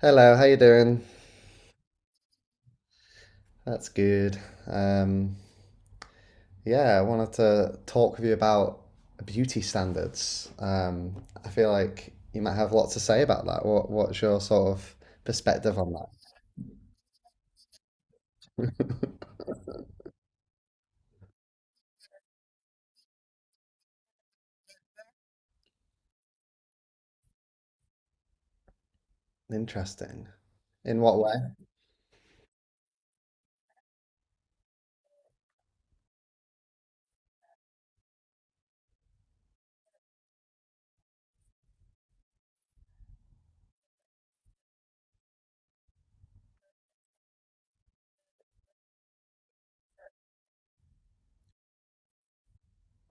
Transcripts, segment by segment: Hello, how you doing? That's good. Um, yeah, I wanted to talk with you about beauty standards. I feel like you might have lots to say about that. What's your sort of perspective on that? Interesting. In what way?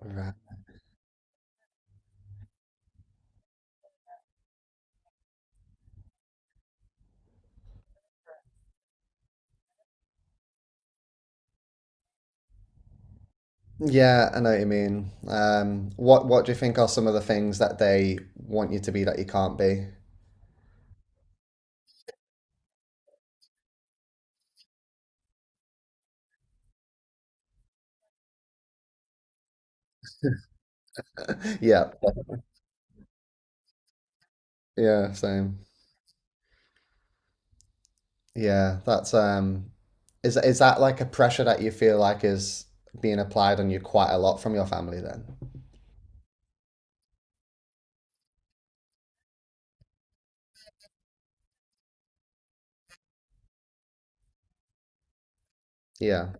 Right. Yeah, I know what you mean. What do you think are some of the things that they want you to be that you can't be? Yeah, yeah, same. Yeah, that's is that like a pressure that you feel like is being applied on you quite a lot from your family then? Yeah.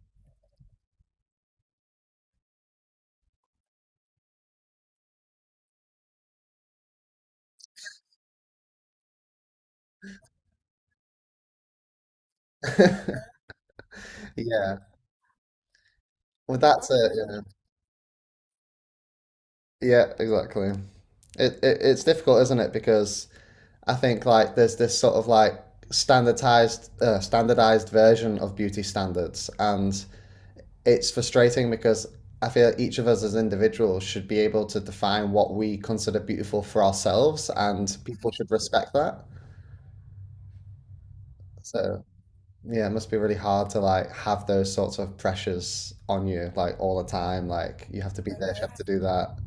Yeah. Well, that's it, yeah. Yeah, exactly. It's difficult, isn't it? Because I think like there's this sort of like standardized version of beauty standards, and it's frustrating because I feel each of us as individuals should be able to define what we consider beautiful for ourselves, and people should respect that. So yeah, it must be really hard to like have those sorts of pressures on you like all the time. Like you have to be this, you have to do that.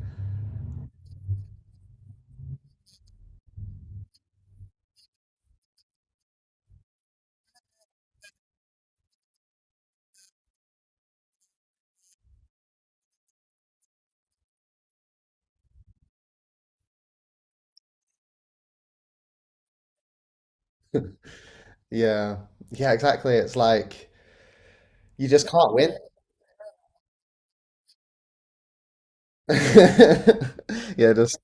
Yeah, yeah, exactly. It's like you just can't win. Yeah, just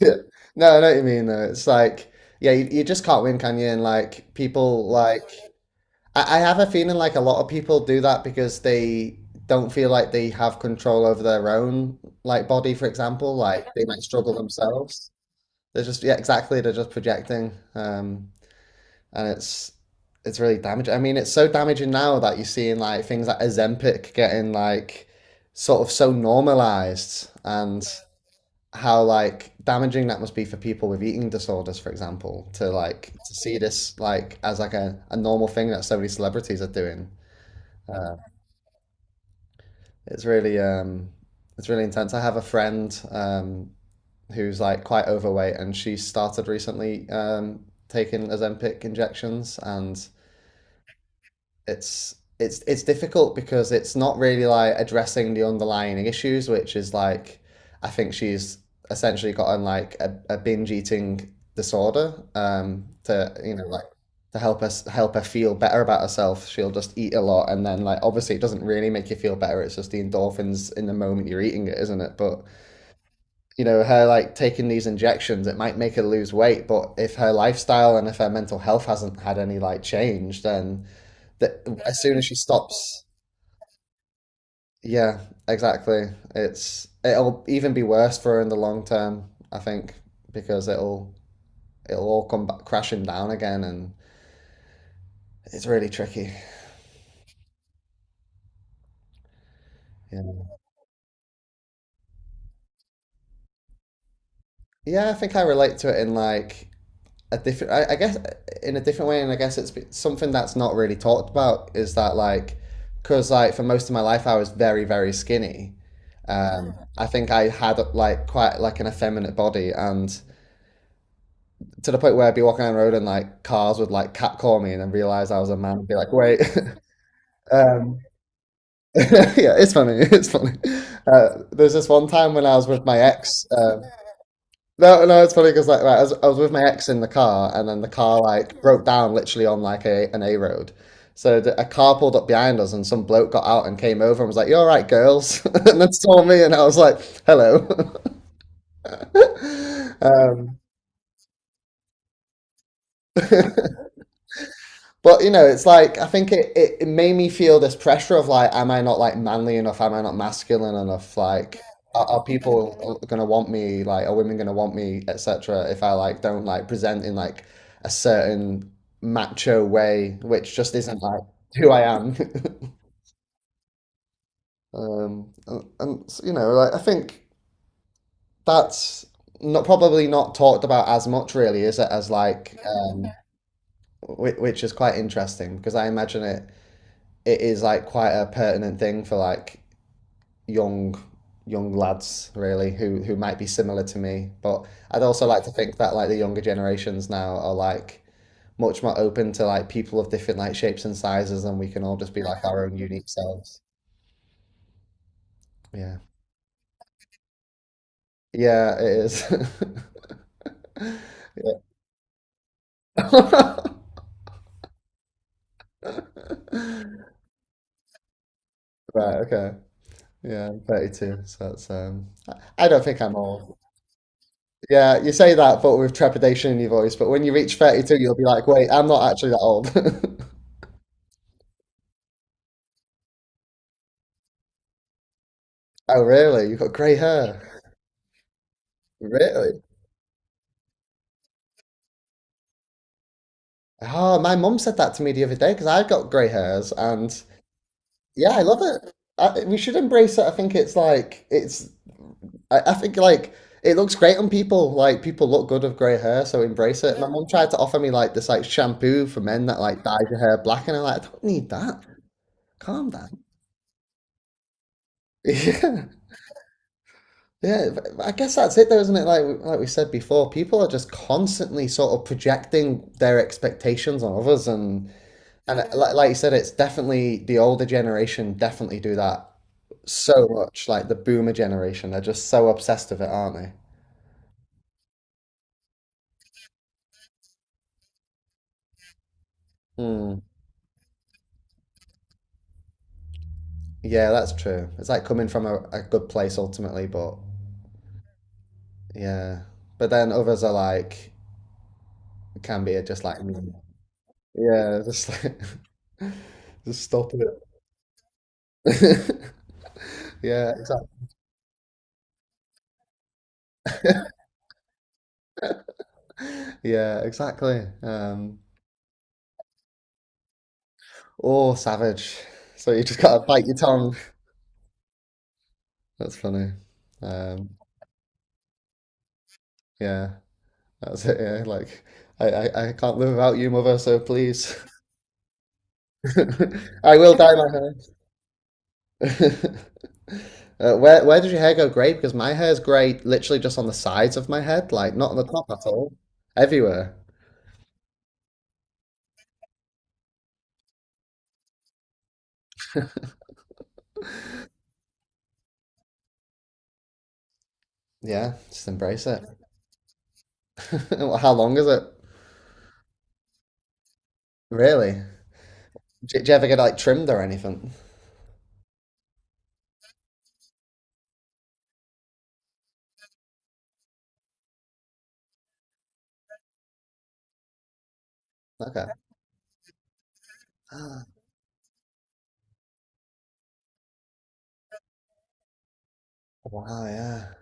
yeah. No, I know what you mean though. It's like yeah, you just can't win, can you? And like people like I have a feeling like a lot of people do that because they don't feel like they have control over their own like body, for example. Like they might struggle themselves. They're just yeah, exactly. They're just projecting, and it's really damaging. I mean, it's so damaging now that you're seeing like things like Ozempic getting like sort of so normalized, and how like damaging that must be for people with eating disorders, for example, to like to see this like as like a normal thing that so many celebrities are doing. Uh, it's really um, it's really intense. I have a friend who's like quite overweight, and she started recently taking Ozempic injections, and it's difficult because it's not really like addressing the underlying issues, which is like I think she's essentially gotten like a binge eating disorder to you know like to help us help her feel better about herself. She'll just eat a lot, and then like obviously it doesn't really make you feel better. It's just the endorphins in the moment you're eating it, isn't it? But you know, her like taking these injections, it might make her lose weight, but if her lifestyle and if her mental health hasn't had any like change, then that as soon as she stops, yeah, exactly. It's it'll even be worse for her in the long term, I think, because it'll all come back crashing down again, and it's really tricky. Yeah, yeah, I think I relate to it in like a different I guess in a different way, and I guess it's something that's not really talked about, is that like because like for most of my life I was very skinny. I think I had like quite like an effeminate body, and to the point where I'd be walking down the road and like cars would like catcall me, and then realize I was a man and be like wait. um yeah, it's funny. It's funny. There's this one time when I was with my ex. No, no, it's funny because like right, I was with my ex in the car, and then the car like broke down literally on like a an A road. So a car pulled up behind us, and some bloke got out and came over and was like, "You all right, girls?" and then saw me, and I was like, "Hello." Um, but you know, it's like I think it made me feel this pressure of like, am I not like manly enough? Am I not masculine enough? Like, are people gonna want me? Like, are women gonna want me, etc.? If I like don't like present in like a certain macho way, which just isn't like who I am. And you know, like I think that's not probably not talked about as much, really, is it? As like, which is quite interesting because I imagine it it is like quite a pertinent thing for like young young lads, really, who might be similar to me. But I'd also like to think that like the younger generations now are like much more open to like people of different like shapes and sizes, and we can all just be like our own unique selves. Yeah, yeah it is. Yeah. Right, okay. Yeah, I'm 32, so that's I don't think I'm old. Yeah, you say that, but with trepidation in your voice. But when you reach 32, you'll be like, wait, I'm not actually that old. Oh, really? You've got grey hair? Really? Oh, my mum said that to me the other day because I've got grey hairs, and yeah, I love it. I, we should embrace it. I think it's like, it's, I think like, it looks great on people. Like, people look good with grey hair, so embrace it. My mum tried to offer me like this like shampoo for men that like dyes your hair black, and I'm like, I don't need that. Calm down. Yeah. Yeah, I guess that's it though, isn't it? Like we said before, people are just constantly sort of projecting their expectations on others, and yeah, like you said, it's definitely the older generation definitely do that so much. Like the boomer generation, they're just so obsessed with it, aren't they? Mm. Yeah, that's true. It's like coming from a good place ultimately, but yeah, but then others are like can be just like me. Yeah, just like just stop it. Yeah, yeah, exactly. Oh, savage. So you just gotta bite your tongue. That's funny. Um, yeah, that's it. Yeah, like I can't live without you, mother. So please, I will dye my hair. Where does your hair go grey? Because my hair is grey literally just on the sides of my head, like not on the top at all. Everywhere. Yeah, just embrace it. How long is it? Really? Do you ever get like trimmed or anything? Okay. Wow, yeah.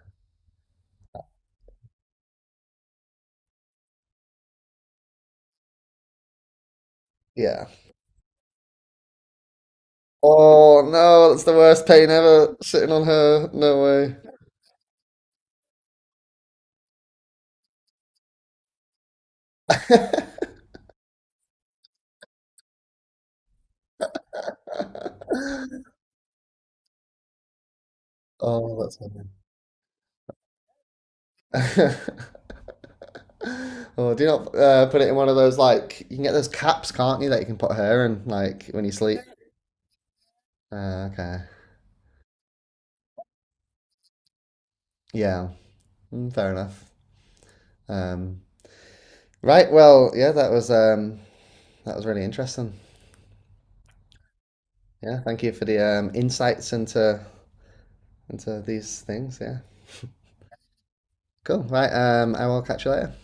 Yeah. Oh no, that's the worst pain ever, sitting on her. No way. Oh, that's funny. Oh, do you not put it in one of those like you can get those caps, can't you, that you can put hair in like when you sleep? Okay. Yeah. Mm, fair enough. Um, right, well, yeah, that was really interesting. Yeah, thank you for the insights into these things, yeah. Cool. Right, I will catch you later.